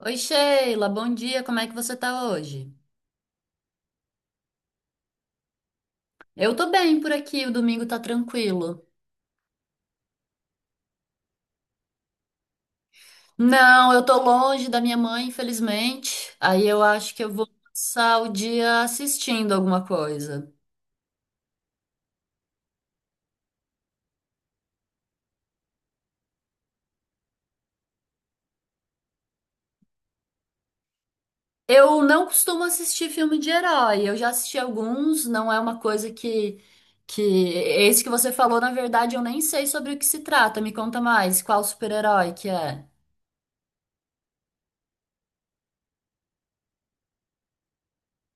Oi, Sheila, bom dia, como é que você tá hoje? Eu tô bem por aqui, o domingo tá tranquilo. Não, eu tô longe da minha mãe, infelizmente. Aí eu acho que eu vou passar o dia assistindo alguma coisa. Eu não costumo assistir filme de herói, eu já assisti alguns, não é uma coisa que esse que você falou, na verdade, eu nem sei sobre o que se trata. Me conta mais, qual super-herói que é?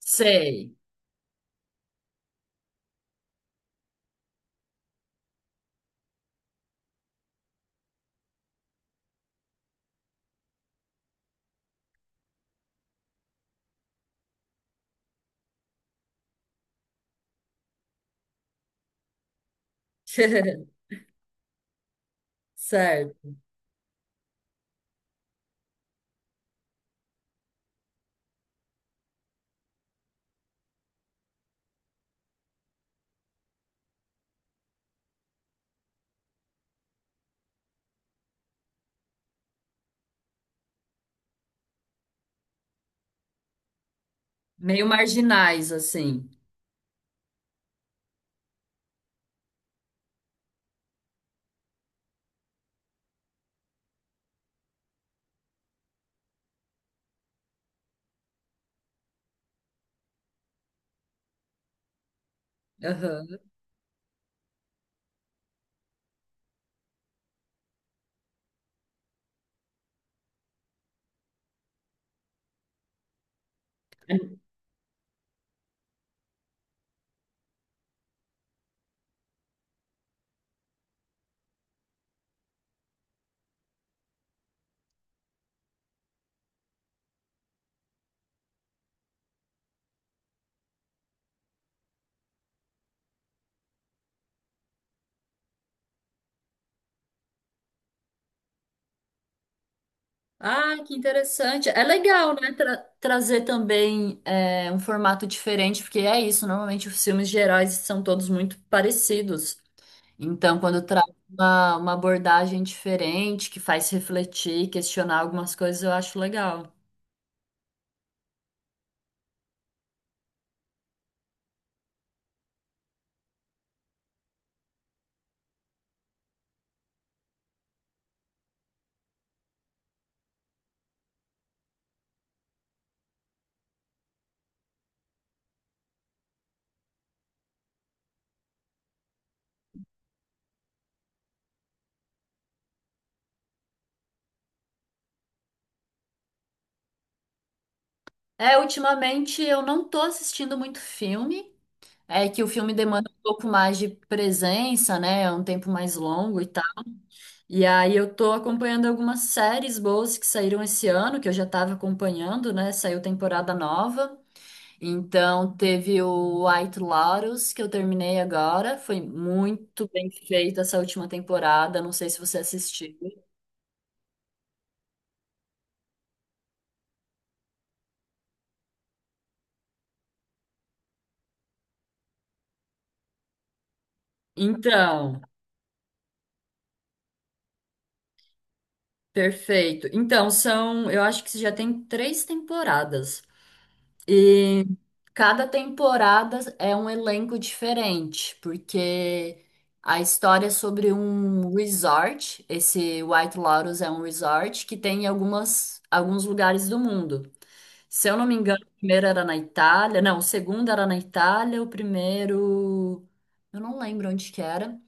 Sei. Certo. Meio marginais, assim. Aham. Ah, que interessante. É legal, né? Trazer também, é, um formato diferente, porque é isso. Normalmente os filmes gerais são todos muito parecidos. Então, quando traz uma abordagem diferente, que faz refletir, questionar algumas coisas, eu acho legal. É, ultimamente eu não tô assistindo muito filme. É que o filme demanda um pouco mais de presença, né? É um tempo mais longo e tal. E aí eu tô acompanhando algumas séries boas que saíram esse ano, que eu já tava acompanhando, né? Saiu temporada nova. Então teve o White Lotus, que eu terminei agora. Foi muito bem feita essa última temporada. Não sei se você assistiu. Então, perfeito. Então, são, eu acho que já tem três temporadas. E cada temporada é um elenco diferente, porque a história é sobre um resort, esse White Lotus é um resort que tem em algumas, alguns lugares do mundo. Se eu não me engano, o primeiro era na Itália, não, o segundo era na Itália, o primeiro, eu não lembro onde que era.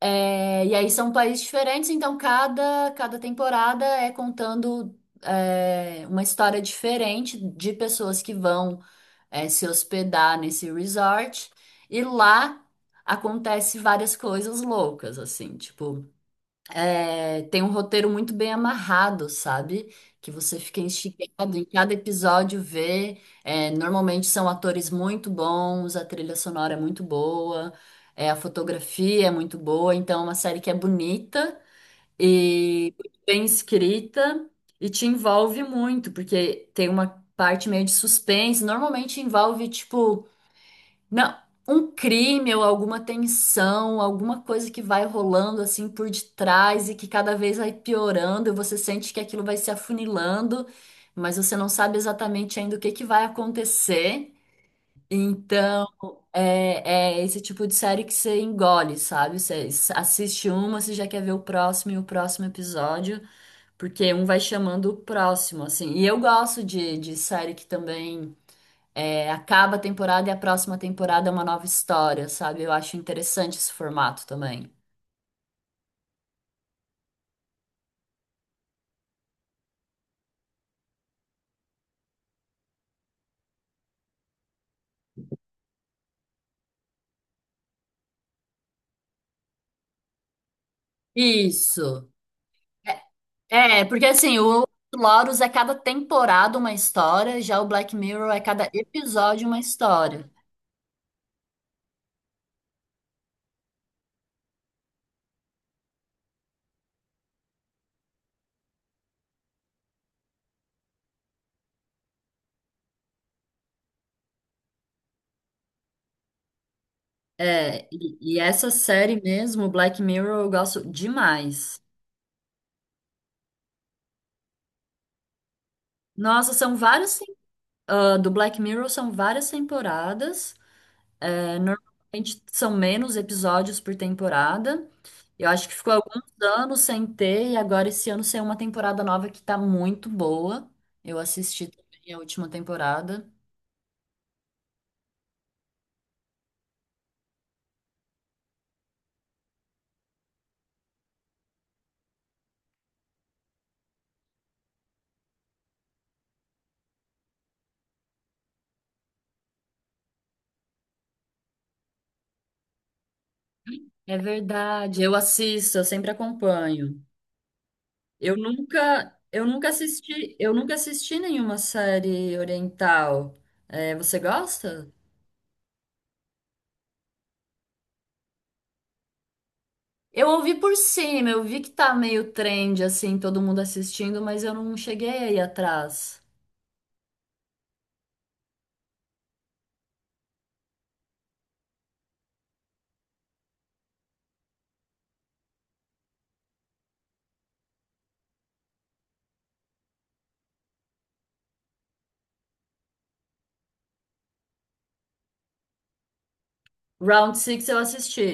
É, e aí são países diferentes, então cada temporada é contando é, uma história diferente de pessoas que vão é, se hospedar nesse resort. E lá acontece várias coisas loucas, assim, tipo, é, tem um roteiro muito bem amarrado, sabe? Que você fica instigado em cada episódio vê. É, normalmente são atores muito bons, a trilha sonora é muito boa, é, a fotografia é muito boa, então é uma série que é bonita e bem escrita e te envolve muito, porque tem uma parte meio de suspense, normalmente envolve, tipo, não, um crime ou alguma tensão, alguma coisa que vai rolando assim por detrás e que cada vez vai piorando, e você sente que aquilo vai se afunilando, mas você não sabe exatamente ainda o que que vai acontecer. Então, é é esse tipo de série que você engole, sabe? Assiste uma, você já quer ver o próximo e o próximo episódio, porque um vai chamando o próximo, assim. E eu gosto de série que também. É, acaba a temporada e a próxima temporada é uma nova história, sabe? Eu acho interessante esse formato também. Isso. É, porque assim, o Lotus é cada temporada uma história, já o Black Mirror é cada episódio uma história. E essa série mesmo, o Black Mirror, eu gosto demais. Nossa, são várias. Ah, do Black Mirror são várias temporadas. É, normalmente são menos episódios por temporada. Eu acho que ficou alguns anos sem ter, e agora esse ano saiu uma temporada nova que tá muito boa. Eu assisti também a última temporada. É verdade, eu assisto, eu sempre acompanho. Eu nunca assisti, eu nunca assisti nenhuma série oriental. É, você gosta? Eu ouvi por cima, eu vi que tá meio trend assim, todo mundo assistindo, mas eu não cheguei aí atrás. Round Six eu assisti.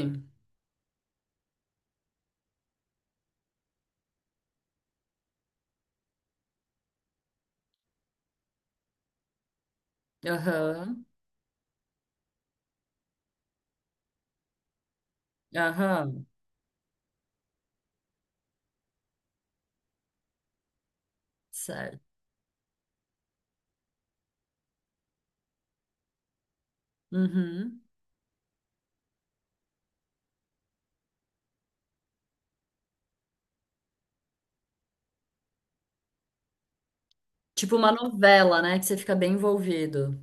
Aham, aham, certo. Uhum. Tipo uma novela, né? Que você fica bem envolvido.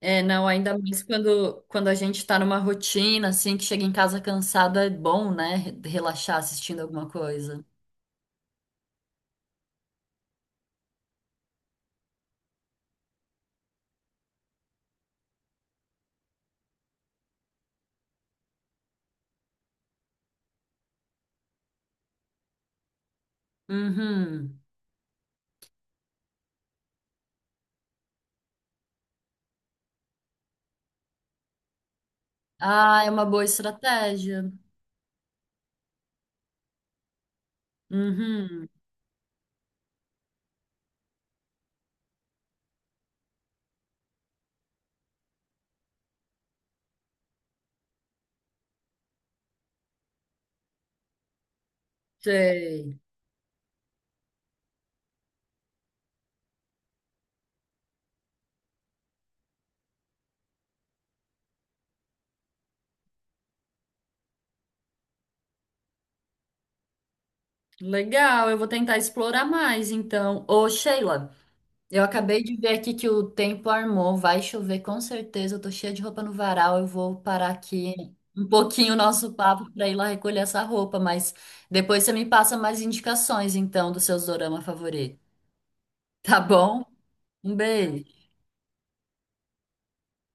É, não, ainda mais quando a gente tá numa rotina, assim, que chega em casa cansado, é bom, né? Relaxar assistindo alguma coisa. Uhum. Ah, é uma boa estratégia. Uhum. Sei. Legal, eu vou tentar explorar mais, então. Ô, Sheila. Eu acabei de ver aqui que o tempo armou, vai chover com certeza. Eu tô cheia de roupa no varal, eu vou parar aqui um pouquinho o nosso papo para ir lá recolher essa roupa, mas depois você me passa mais indicações então dos seus dorama favoritos. Tá bom? Um beijo.